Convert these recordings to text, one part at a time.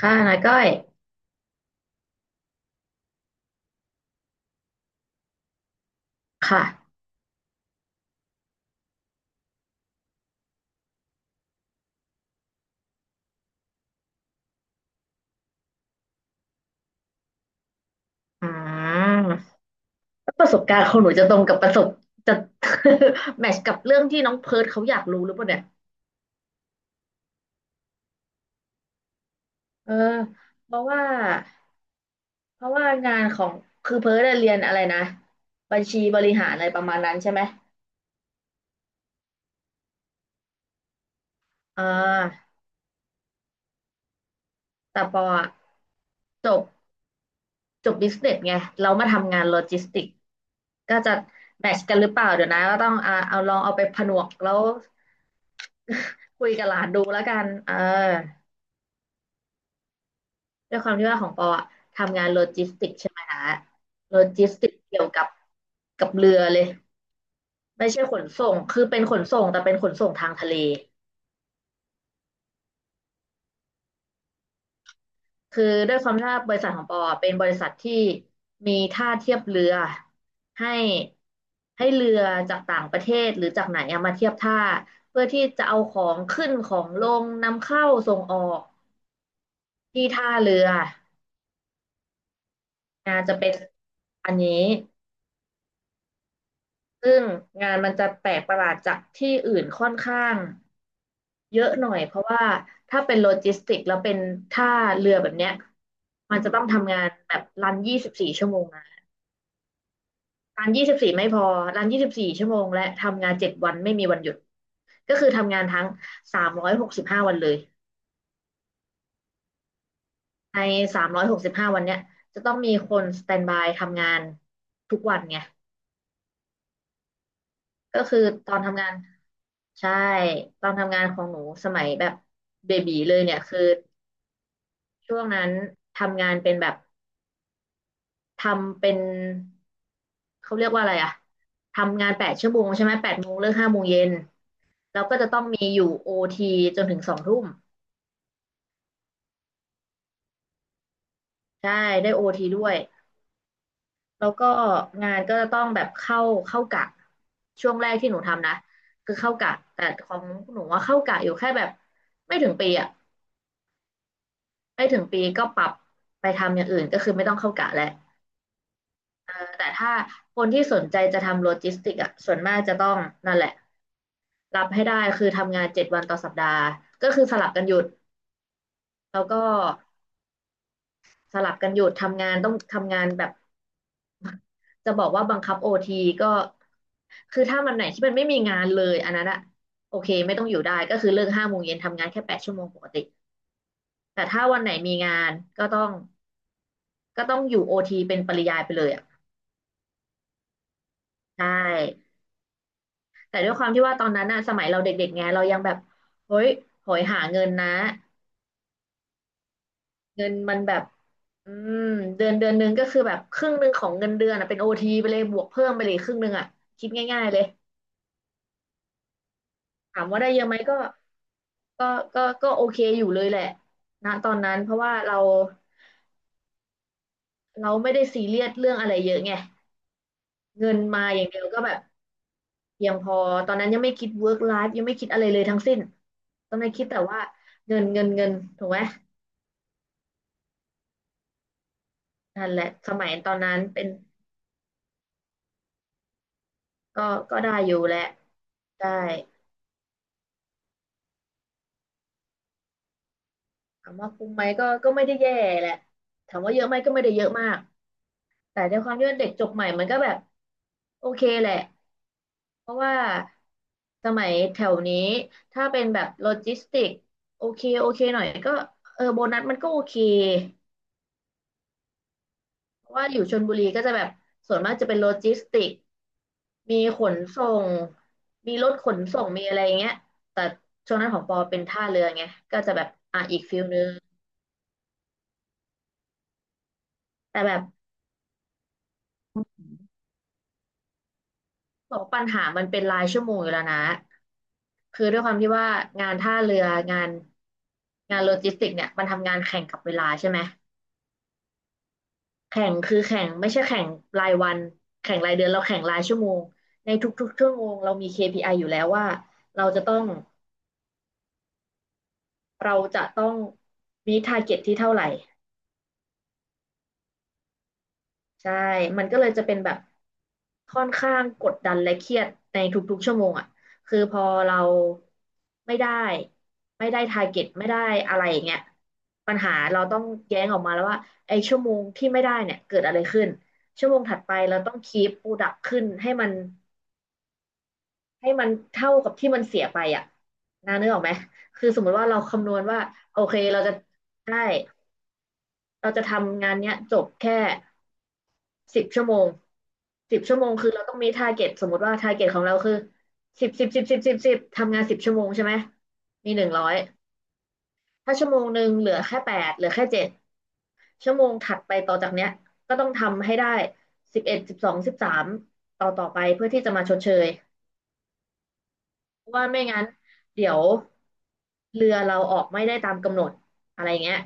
ค่ะนาก้อย ค่ะอืมประสบการณ์ของหนูจะตรงกับประสบจะ แมทช์กับเรื่องที่น้องเพิร์ทเขาอยากรู้หรือเปล่าเนี่ย เออ เพราะว่าเพราะว่างานของคือเพิร์ทอะเรียนอะไรนะบัญชีบริหารอะไรประมาณนั้นใช่ไหมอ่าแต่ปออะจบจบบิสเนสไงเรามาทำงานโลจิสติกก็จะแมทช์กันหรือเปล่าเดี๋ยวนะก็ต้องเอาลองเอาไปผนวกแล้ว คุยกับหลานดูแล้วกันเออ ด้วยความที่ว่าของปออะทำงานโลจิสติกใช่ไหมนะโลจิสติกเกี่ยวกับเรือเลยไม่ใช่ขนส่งคือเป็นขนส่งแต่เป็นขนส่งทางทะเลคือด้วยความที่ว่าบริษัทของปออะเป็นบริษัทที่มีท่าเทียบเรือให้ให้เรือจากต่างประเทศหรือจากไหนอะมาเทียบท่าเพื่อที่จะเอาของขึ้นของลงนำเข้าส่งออกที่ท่าเรือนะจะเป็นอันนี้ ซึ่งงานมันจะแปลกประหลาดจากที่อื่นค่อนข้างเยอะหน่อยเพราะว่าถ้าเป็นโลจิสติกแล้วเป็นท่าเรือแบบเนี้ยมันจะต้องทำงานแบบรันยี่สิบสี่ชั่วโมงนะรันยี่สิบสี่ไม่พอรันยี่สิบสี่ชั่วโมงและทำงานเจ็ดวันไม่มีวันหยุดก็คือทำงานทั้งสามร้อยหกสิบห้าวันเลยในสามร้อยหกสิบห้าวันเนี้ยจะต้องมีคนสแตนบายทำงานทุกวันไง ก็คือตอนทำงานใช่ตอนทำงานของหนูสมัยแบบเบบีเลยเนี่ยคือช่วงนั้นทำงานเป็นแบบทำเป็นเขาเรียกว่าอะไรอะทำงานแปดชั่วโมงใช่ไหม8 โมงเลิกห้าโมงเย็นแล้วก็จะต้องมีอยู่โอทีจนถึง2 ทุ่มใช่ได้โอทีด้วยแล้วก็งานก็จะต้องแบบเข้ากะช่วงแรกที่หนูทำนะคือเข้ากะแต่ของหนูว่าเข้ากะอยู่แค่แบบไม่ถึงปีอะ ไม่ถึงปีก็ปรับไปทำอย่างอื่นก็คือไม่ต้องเข้ากะแล้วแต่ถ้าคนที่สนใจจะทำโลจิสติกอ่ะส่วนมากจะต้องนั่นแหละรับให้ได้คือทำงาน7 วันต่อสัปดาห์ก็คือสลับกันหยุดแล้วก็สลับกันหยุดทำงานต้องทำงานแบบจะบอกว่าบังคับโอทีก็คือถ้ามันไหนที่มันไม่มีงานเลยอันนั้นอะโอเคไม่ต้องอยู่ได้ก็คือเลิกห้าโมงเย็นทำงานแค่แปดชั่วโมงปกติแต่ถ้าวันไหนมีงานก็ต้องก็ต้องอยู่โอทีเป็นปริยายไปเลยอ่ะใช่ แต่ด้วยความที่ว่าตอนนั้นอะสมัยเราเด็กๆไงเรายังแบบเฮ้ยโหยหาเงินนะเงินมันแบบอืมเดือนเดือนหนึงก็คือแบบครึ่งหนึ่งของเงินเดือนอะเป็นโอทีไปเลยบวกเพิ่มไปเลยครึ่งหนึ่งอะคิดง่ายๆเลยถามว่าได้เยอะไหมก็ก็โอเคอยู่เลยแหละนะตอนนั้นเพราะว่าเราไม่ได้ซีเรียสเรื่องอะไรเยอะไงเงินมาอย่างเดียวก็แบบเพียงพอตอนนั้นยังไม่คิด work life ยังไม่คิดอะไรเลยทั้งสิ้นตอนนั้นคิดแต่ว่าเงินเงินเงินถูกไหม นั่นแหละสมัยตอนนั้นเป็นก็ก็ได้อยู่แหละได้ถามว่าคุ้มไหมก็ไม่ได้แย่แหละถามว่าเยอะไหมก็ไม่ได้เยอะมากแต่ในความที่ว่าเด็กจบใหม่มันก็แบบโอเคแหละเพราะว่าสมัยแถวนี้ถ้าเป็นแบบโลจิสติกโอเคโอเคหน่อยก็เออโบนัสมันก็โอเค เพราะว่าอยู่ชลบุรีก็จะแบบส่วนมากจะเป็นโลจิสติก มีขนส่งมีรถขนส่งมีอะไรอย่างเงี้ยแต่ช่วงนั้นของปอเป็นท่าเรือไงก็จะแบบอ่ะอีกฟิลนึงแต่แบบของปัญหามันเป็นรายชั่วโมงอยู่แล้วนะคือด้วยความที่ว่างานท่าเรืองานงานโลจิสติกเนี่ยมันทำงานแข่งกับเวลาใช่ไหมแข่งคือแข่งไม่ใช่แข่งรายวันแข่งรายเดือนเราแข่งรายชั่วโมงในทุกๆชั่วโมงเรามี KPI ออยู่แล้วว่าเราจะต้อง เราจะต้องมีทาร์เก็ตที่เท่าไหร่ใช่ มันก็เลยจะเป็นแบบค่อนข้างกดดันและเครียดในทุกๆชั่วโมงอ่ะคือพอเราไม่ได้ไม่ได้ทาร์เก็ตไม่ได้อะไรอย่างเงี้ยปัญหาเราต้องแย้งออกมาแล้วว่าไอ้ชั่วโมงที่ไม่ได้เนี่ยเกิดอะไรขึ้นชั่วโมงถัดไปเราต้องคีปโปรดักขึ้นให้มันให้มันเท่ากับที่มันเสียไปอ่ะนะนึกออกไหมคือสมมติว่าเราคำนวณว่าโอเคเราจะได้ เราจะทำงานเนี้ยจบแค่สิบชั่วโมงสิบชั่วโมงคือเราต้องมีทาร์เก็ตสมมติว่าทาร์เก็ตของเราคือสิบสิบสิบสิบสิบสิบทำงานสิบชั่วโมงใช่ไหมมี100ถ้าชั่วโมงหนึ่งเหลือแค่8เหลือแค่7ชั่วโมงถัดไปต่อจากเนี้ยก็ต้องทำให้ได้111213ต่อไปเพื่อที่จะมาชดเชยเพราะว่าไม่งั้นเดี๋ยวเรือเราออกไม่ได้ตามกำหนดอะไรอย่างเงี้ย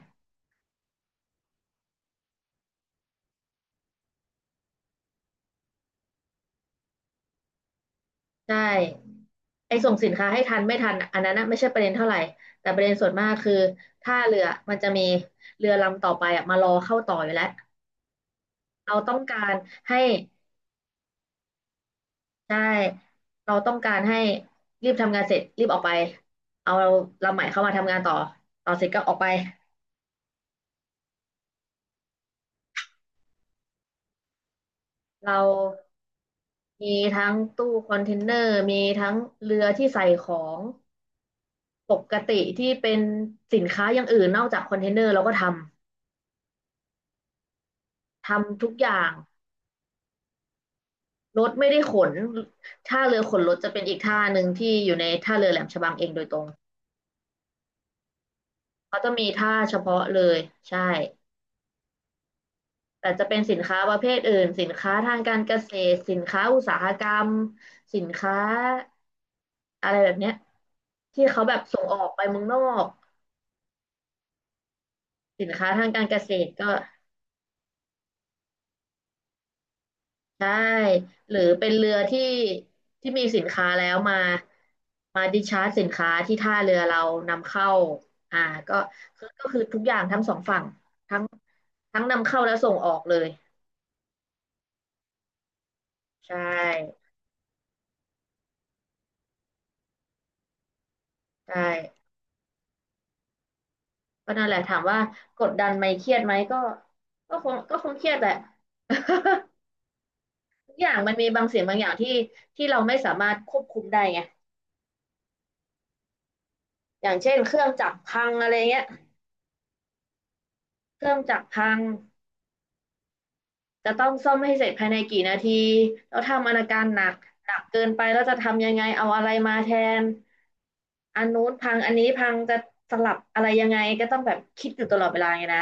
ใช่ไอ้ส่งสินค้าให้ทันไม่ทันอันนั้นนะไม่ใช่ประเด็นเท่าไหร่แต่ประเด็นส่วนมากคือถ้าเรือมันจะมีเรือลำต่อไปอ่ะมารอเข้าต่ออยู่แล้วเราต้องการให้ใช่เราต้องการให้รีบทำงานเสร็จรีบออกไปเอาลำใหม่เข้ามาทำงานต่อต่อเสร็จก็ออกไปเรามีทั้งตู้คอนเทนเนอร์มีทั้งเรือที่ใส่ของปกติที่เป็นสินค้าอย่างอื่นนอกจากคอนเทนเนอร์เราก็ทำทุกอย่าง รถไม่ได้ขนท่าเรือขนรถจะเป็นอีกท่าหนึ่งที่อยู่ในท่าเรือแหลมฉบังเองโดยตรงเขาจะมีท่าเฉพาะเลยใช่แต่จะเป็นสินค้าประเภทอื่นสินค้าทางการเกษตรสินค้าอุตสาหกรรมสินค้าอะไรแบบเนี้ยที่เขาแบบส่งออกไปเมืองนอกสินค้าทางการเกษตรก็ ใช่หรือเป็นเรือที่ที่มีสินค้าแล้วมามาดิชาร์จสินค้าที่ท่าเรือเรานำเข้าอ่าก็คือก็คือทุกอย่างทั้งสองฝั่งทั้งทั้งนำเข้าและส่งออกเลยใช่ใช่ก็นั่นแหละถามว่ากดดันไหมเครียดไหมก็ก็คงก็คงเครียดแหละ ทุกอย่างมันมีบางสิ่งบางอย่างที่ที่เราไม่สามารถควบคุมได้ไงอย่างเช่นเครื่องจักรพังอะไรเงี้ยเครื่องจักรพัง จะต้องซ่อมให้เสร็จภายในกี่นาทีแล้วทำอนาการหนักหนักเกินไปแล้วจะทำยังไงเอาอะไรมาแทนอันนู้นพังอันนี้พังจะสลับอะไรยังไงก็ต้องแบบคิดอยู่ตลอดเวลาไงนะ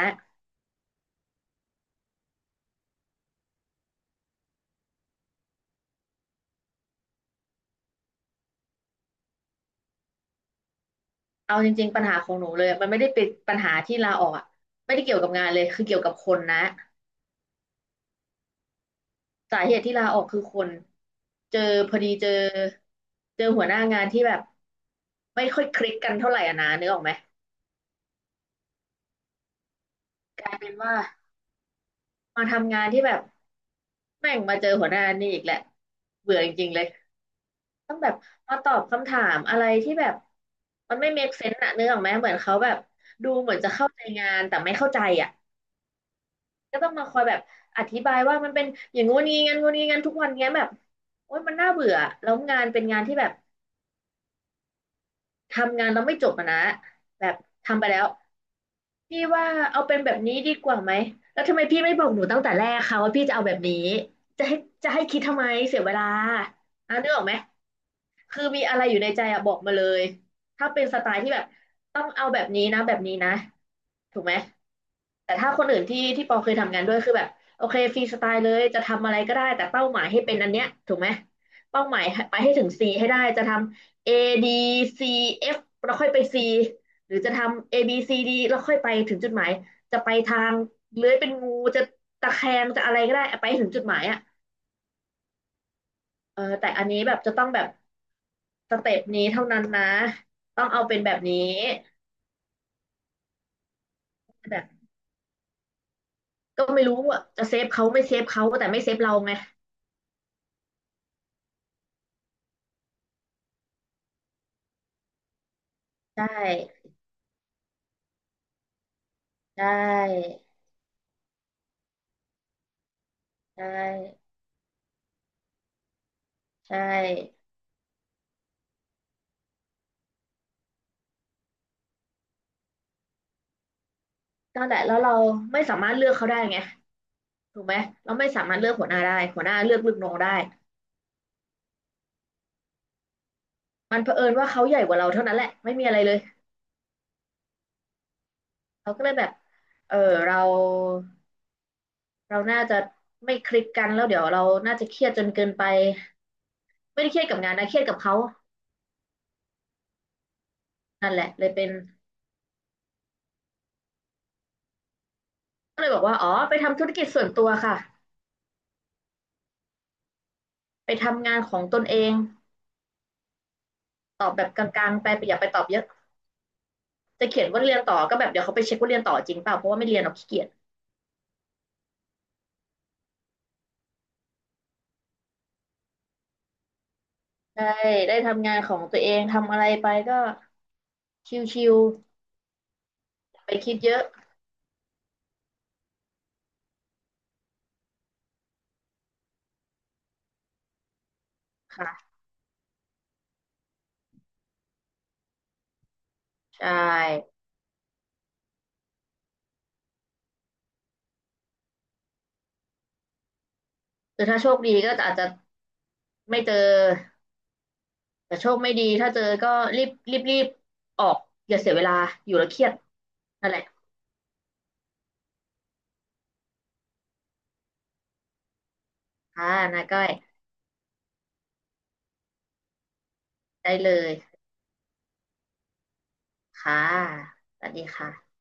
เอาจริงๆปัญหาของหนูเลยมันไม่ได้เป็นปัญหาที่ลาออกอะไม่ได้เกี่ยวกับงานเลยคือเกี่ยวกับคนนะสาเหตุที่ลาออกคือคนเจอพอดีเจอหัวหน้างานที่แบบไม่ค่อยคลิกกันเท่าไหร่อะนะนึกออกไหมกลายเป็นว่ามาทำงานที่แบบ แม่งมาเจอหัวหน้านี่อีกแหละเบื่อจริงๆเลย ต้องแบบมาตอบคำถามอะไรที่แบบมันไม่ make sense อะนึกออกไหมเหมือนเขาแบบดูเหมือนจะเข้าใจงานแต่ไม่เข้าใจอะก็ต้องมาคอยแบบอธิบายว่ามันเป็นอย่างงู้นงี้งั้นงู้นงี้งั้นทุกวันเงี้ยแบบโอ๊ยมันน่าเบื่อแล้วงานเป็นงานที่แบบทำงานแล้วไม่จบอะนะแบบทำไปแล้ว พี่ว่าเอาเป็นแบบนี้ดีกว่าไหมแล้วทำไมพี่ไม่บอกหนูตั้งแต่แรกคะว่าพี่จะเอาแบบนี้จะให้จะให้คิดทำไมเสียเวลาอ่ะนึกออกไหมคือมีอะไรอยู่ในใจอะบอกมาเลยถ้าเป็นสไตล์ที่แบบต้องเอาแบบนี้นะแบบนี้นะถูกไหมแต่ถ้าคนอื่นที่ปอเคยทำงานด้วยคือแบบโอเคฟรีสไตล์เลยจะทำอะไรก็ได้แต่เป้าหมายให้เป็นอันเนี้ยถูกไหมเป้าหมายไปให้ถึง C ให้ได้จะทำ A D C F แล้วค่อยไป C หรือจะทำ A B C D แล้วค่อยไปถึงจุดหมาย จะไปทางเลื้อยเป็นงูจะตะแคงจะอะไรก็ได้ไปถึงจุดหมายอ่ะเออแต่อันนี้แบบจะต้องแบบสเต็ปนี้เท่านั้นนะต้องเอาเป็นแบบนี้แบบก็ไม่รู้อ่ะจะเซฟเขาไม่เซฟเขาแต่ไม่เซฟเราไงใช่ใช่ใช่ใช่นั่นแหละแล้วเราไม่สามารถเลือกเขาได้ไงถูกไหมเราไม่สามารถเลือกหัวหน้าได้หัวหน้าเลือกลูกน้องได้มันเผอิญว่าเขาใหญ่กว่าเราเท่านั้นแหละไม่มีอะไรเลย เราก็เลยแบบเออเราเราน่าจะไม่คลิกกันแล้วเดี๋ยวเราน่าจะเครียดจนเกินไปไม่ได้เครียดกับงานนะเครียดกับเขานั่นแหละเลยเป็นก็เลยบอกว่าอ๋อไปทำธุรกิจส่วนตัวค่ะไปทำงานของตนเองตอบแบบกลางๆไปอย่าไปตอบเยอะจะเขียนว่าเรียนต่อก็แบบเดี๋ยวเขาไปเช็คว่าเรียนต่อจริงเปล่าเพราะว่าไม่เรียนเราขี้เกียจได้ได้ทำงานของตัวเองทำอะไรไปก็ชิวๆไปคิดเยอะค่ะใช่หรือถ้าโชคดีก็อาจจะไม่เจอ แต่โชคไม่ดีถ้าเจอก็รีบรีบรีบออกอย่าเสียเวลาอยู่แล้วเครียดนั่นแหละค่ะนาก้อยได้เลยค่ะสวัสดีค่ะ